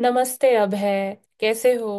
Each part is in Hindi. नमस्ते अभय, कैसे हो।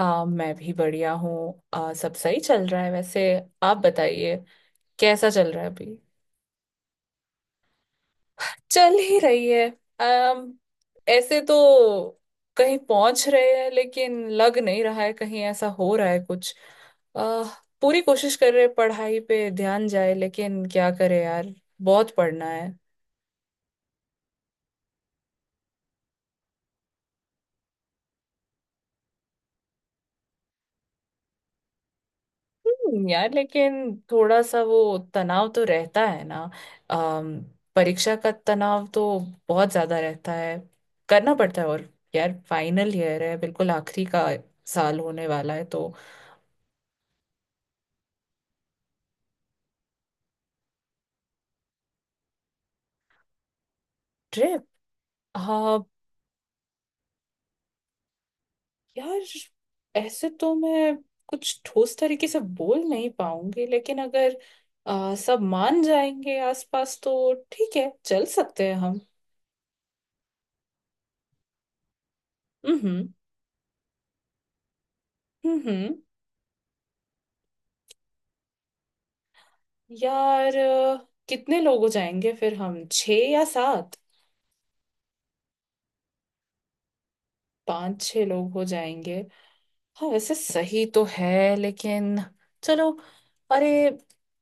मैं भी बढ़िया हूँ। सब सही चल रहा है वैसे। आप बताइए, कैसा चल रहा है अभी। चल ही रही है। अम ऐसे तो कहीं पहुंच रहे हैं, लेकिन लग नहीं रहा है कहीं ऐसा हो रहा है कुछ। आ, पूरी कोशिश कर रहे हैं पढ़ाई पे ध्यान जाए, लेकिन क्या करे यार, बहुत पढ़ना है। यार लेकिन थोड़ा सा वो तनाव तो रहता है ना। अम, परीक्षा का तनाव तो बहुत ज्यादा रहता है। करना पड़ता है, और यार फाइनल ईयर है, बिल्कुल आखिरी का साल होने वाला है तो। ट्रिप। हाँ यार, ऐसे तो मैं कुछ ठोस तरीके से बोल नहीं पाऊंगी, लेकिन अगर सब मान जाएंगे आसपास तो ठीक है, चल सकते हैं हम। हम्म। हम्म। हम्म। यार कितने लोग हो जाएंगे फिर, हम छः या सात। पाँच छः लोग हो जाएंगे। हाँ वैसे सही तो है लेकिन चलो। अरे,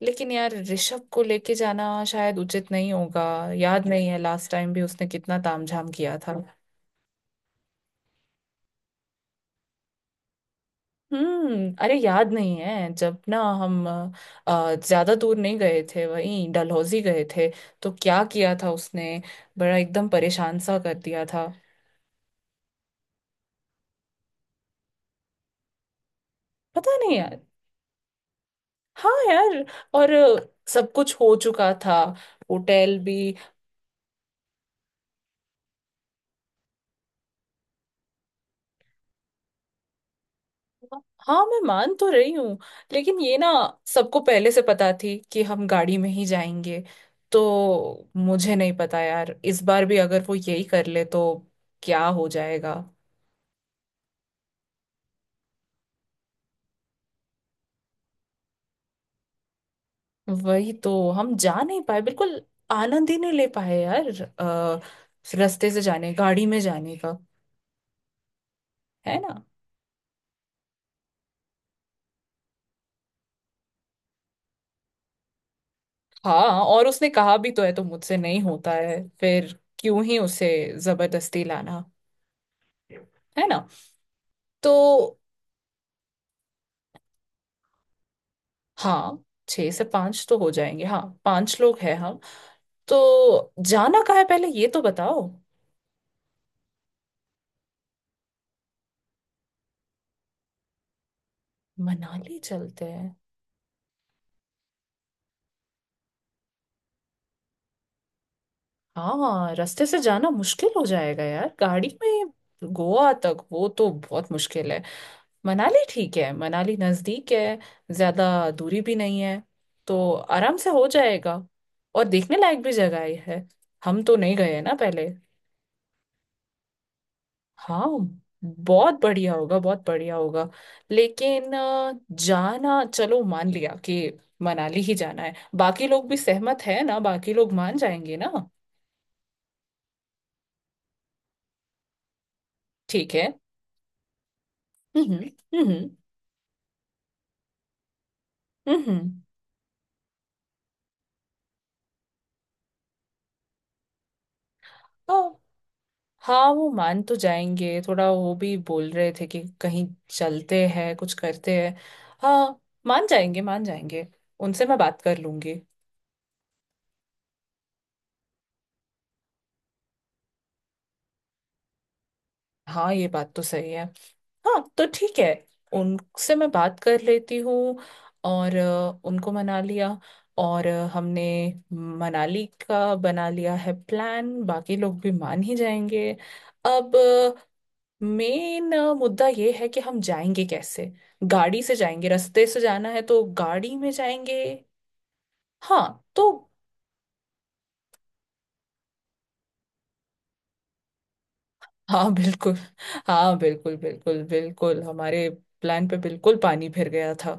लेकिन यार ऋषभ को लेके जाना शायद उचित नहीं होगा। याद नहीं है, लास्ट टाइम भी उसने कितना तामझाम किया था। हम्म, अरे याद नहीं है जब ना हम ज्यादा दूर नहीं गए थे, वहीं डलहौजी गए थे तो क्या किया था उसने। बड़ा एकदम परेशान सा कर दिया था। पता नहीं यार। हाँ यार, और सब कुछ हो चुका था, होटल भी। हाँ मैं मान तो रही हूँ, लेकिन ये ना सबको पहले से पता थी कि हम गाड़ी में ही जाएंगे तो। मुझे नहीं पता यार, इस बार भी अगर वो यही कर ले तो क्या हो जाएगा। वही तो हम जा नहीं पाए बिल्कुल, आनंद ही नहीं ले पाए यार। आ, रास्ते से जाने गाड़ी में जाने का, है ना। हाँ और उसने कहा भी तो है तो मुझसे नहीं होता है, फिर क्यों ही उसे जबरदस्ती लाना, है ना। तो हाँ, छह से पांच तो हो जाएंगे, हाँ पांच लोग हैं हम। तो जाना कहाँ है पहले, ये तो बताओ। मनाली चलते हैं। हाँ रास्ते से जाना मुश्किल हो जाएगा यार, गाड़ी में गोवा तक वो तो बहुत मुश्किल है। मनाली ठीक है, मनाली नज़दीक है, ज़्यादा दूरी भी नहीं है तो आराम से हो जाएगा, और देखने लायक भी जगह ही है। हम तो नहीं गए हैं ना पहले। हाँ, बहुत बढ़िया होगा, बहुत बढ़िया होगा। लेकिन जाना चलो, मान लिया कि मनाली ही जाना है। बाकी लोग भी सहमत है ना, बाकी लोग मान जाएंगे ना। ठीक है। हम्म। हम्म। हम्म। हम्म। हाँ वो मान तो जाएंगे, थोड़ा वो भी बोल रहे थे कि कहीं चलते हैं, कुछ करते हैं। हाँ मान जाएंगे, मान जाएंगे, उनसे मैं बात कर लूंगी। हाँ ये बात तो सही है। हाँ तो ठीक है, उनसे मैं बात कर लेती हूँ और उनको मना लिया, और हमने मनाली का बना लिया है प्लान, बाकी लोग भी मान ही जाएंगे। अब मेन मुद्दा ये है कि हम जाएंगे कैसे। गाड़ी से जाएंगे, रास्ते से जाना है तो गाड़ी में जाएंगे। हाँ तो। हाँ बिल्कुल। हाँ बिल्कुल बिल्कुल बिल्कुल, हमारे प्लान पे बिल्कुल पानी फिर गया था।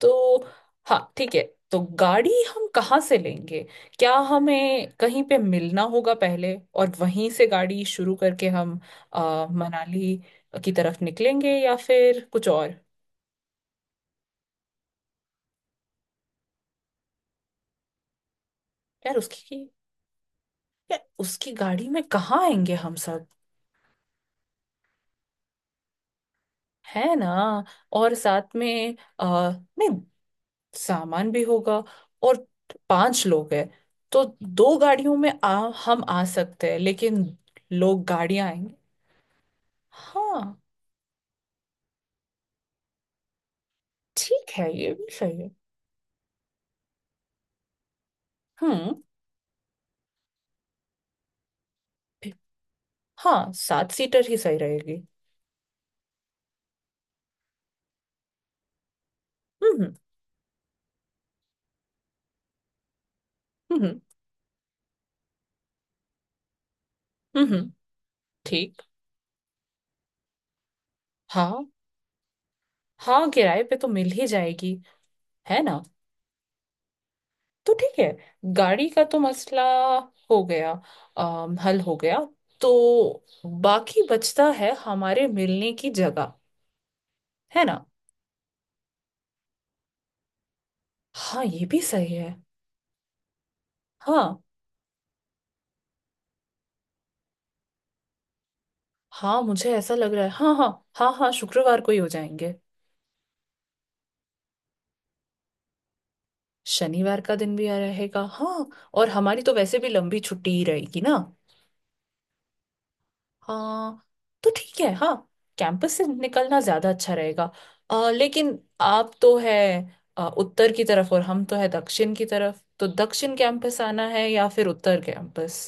तो हाँ ठीक है। तो गाड़ी हम कहाँ से लेंगे? क्या हमें कहीं पे मिलना होगा पहले और वहीं से गाड़ी शुरू करके हम मनाली की तरफ निकलेंगे, या फिर कुछ और। यार उसकी यार, उसकी गाड़ी में कहाँ आएंगे हम सब, है ना। और साथ में नहीं, सामान भी होगा, और पांच लोग हैं तो दो गाड़ियों में हम आ सकते हैं, लेकिन लोग गाड़ियां आएंगे। हाँ ठीक है, ये भी सही है। हम्म। ठीक। हाँ, सात सीटर ही सही रहेगी। हम्म। हम्म। हम्म। हम्म, हम्म, ठीक। हाँ हाँ, किराए पे तो मिल ही जाएगी, है ना। तो ठीक है, गाड़ी का तो मसला हो गया। हल हो गया। तो बाकी बचता है हमारे मिलने की जगह, है ना। हाँ, ये भी सही है। हाँ हाँ, मुझे ऐसा लग रहा है, हाँ हाँ। हाँ हाँ, शुक्रवार को ही हो जाएंगे। शनिवार का दिन भी आ रहेगा। हाँ और हमारी तो वैसे भी लंबी छुट्टी ही रहेगी ना। हाँ तो ठीक है, हाँ, कैंपस से निकलना ज्यादा अच्छा रहेगा। लेकिन आप तो है उत्तर की तरफ, और हम तो है दक्षिण की तरफ, तो दक्षिण कैंपस आना है या फिर उत्तर कैंपस।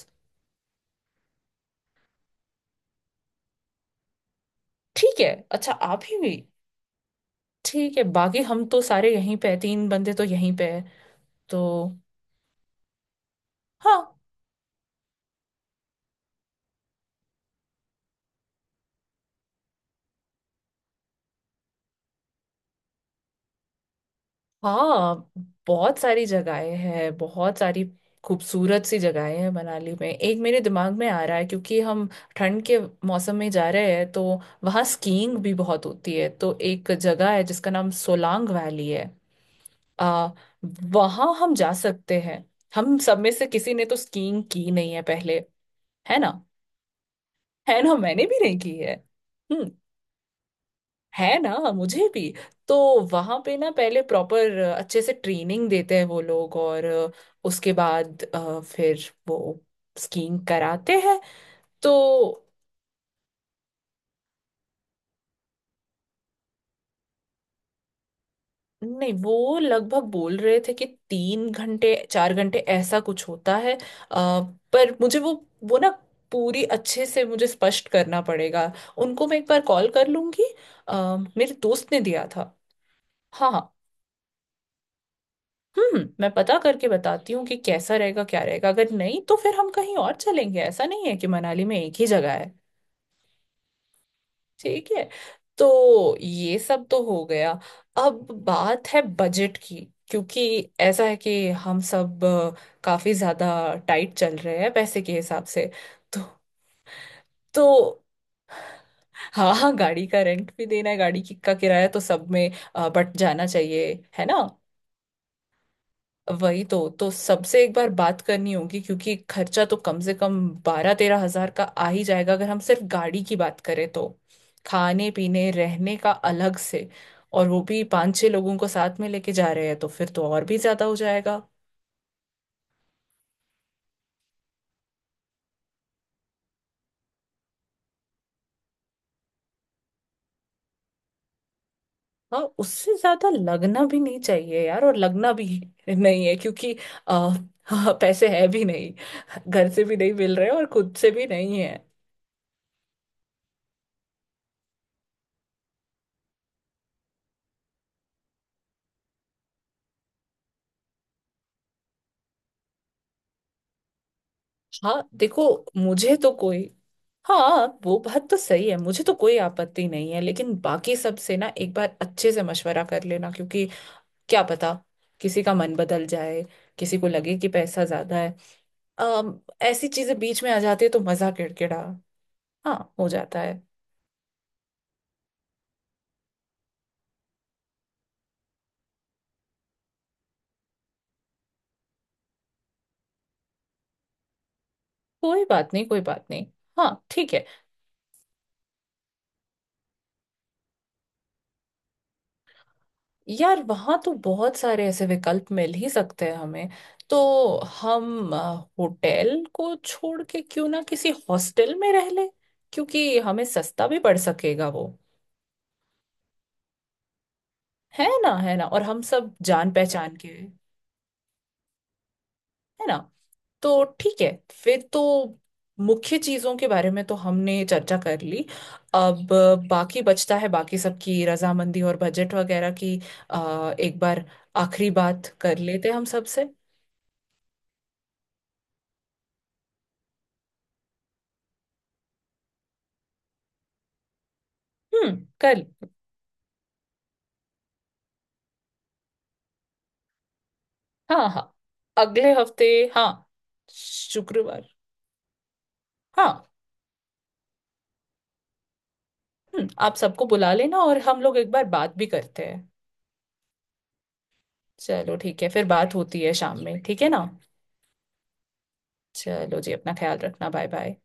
ठीक है, अच्छा आप ही भी ठीक है। बाकी हम तो सारे यहीं पे हैं, तीन बंदे तो यहीं पे है तो। हाँ। हाँ, बहुत सारी जगहें हैं, बहुत सारी खूबसूरत सी जगहें हैं मनाली में। एक मेरे दिमाग में आ रहा है, क्योंकि हम ठंड के मौसम में जा रहे हैं तो वहाँ स्कीइंग भी बहुत होती है, तो एक जगह है जिसका नाम सोलांग वैली है। आ, वहाँ हम जा सकते हैं। हम सब में से किसी ने तो स्कीइंग की नहीं है पहले, है ना। है ना, मैंने भी नहीं की है। हम्म। है ना, मुझे भी। तो वहां पे ना पहले प्रॉपर अच्छे से ट्रेनिंग देते हैं वो लोग, और उसके बाद फिर वो स्कीइंग कराते हैं। तो नहीं, वो लगभग बोल रहे थे कि 3 घंटे 4 घंटे ऐसा कुछ होता है। पर मुझे वो ना पूरी अच्छे से मुझे स्पष्ट करना पड़ेगा। उनको मैं एक बार कॉल कर लूंगी। अ, मेरे दोस्त ने दिया था। हाँ हाँ। हम्म, मैं पता करके बताती हूँ कि कैसा रहेगा, क्या रहेगा। अगर नहीं तो फिर हम कहीं और चलेंगे, ऐसा नहीं है कि मनाली में एक ही जगह है। ठीक है। तो ये सब तो हो गया। अब बात है बजट की, क्योंकि ऐसा है कि हम सब काफी ज्यादा टाइट चल रहे हैं पैसे के हिसाब से। तो। तो हाँ हाँ, गाड़ी का रेंट भी देना है, गाड़ी की का किराया तो सब में बट जाना चाहिए, है ना। वही तो सबसे एक बार बात करनी होगी, क्योंकि खर्चा तो कम से कम 12-13 हजार का आ ही जाएगा, अगर हम सिर्फ गाड़ी की बात करें तो। खाने पीने रहने का अलग से, और वो भी पांच छह लोगों को साथ में लेके जा रहे हैं तो फिर तो और भी ज्यादा हो जाएगा। हाँ, उससे ज्यादा लगना भी नहीं चाहिए यार, और लगना भी नहीं है क्योंकि आ, पैसे है भी नहीं, घर से भी नहीं मिल रहे और खुद से भी नहीं है। हाँ देखो, मुझे तो कोई। हाँ वो बात तो सही है, मुझे तो कोई आपत्ति नहीं है, लेकिन बाकी सब से ना एक बार अच्छे से मशवरा कर लेना, क्योंकि क्या पता किसी का मन बदल जाए, किसी को लगे कि पैसा ज्यादा है। ऐसी चीजें बीच में आ जाती है तो मजा किड़किड़ा। हाँ हो जाता है। कोई बात नहीं, कोई बात नहीं। हाँ ठीक है। यार वहाँ तो बहुत सारे ऐसे विकल्प मिल ही सकते हैं हमें। तो हम होटल को छोड़ के क्यों ना किसी हॉस्टल में रह ले, क्योंकि हमें सस्ता भी पड़ सकेगा वो। है ना, है ना, और हम सब जान पहचान के है ना। तो ठीक है फिर तो, मुख्य चीजों के बारे में तो हमने चर्चा कर ली। अब बाकी बचता है बाकी सबकी रजामंदी और बजट वगैरह की। एक बार आखिरी बात कर लेते हम सबसे। हम्म, कल। हाँ हाँ, अगले हफ्ते। हाँ शुक्रवार। हाँ। हम्म, आप सबको बुला लेना और हम लोग एक बार बात भी करते हैं। चलो ठीक है, फिर बात होती है शाम में, ठीक है ना। चलो जी, अपना ख्याल रखना, बाय बाय।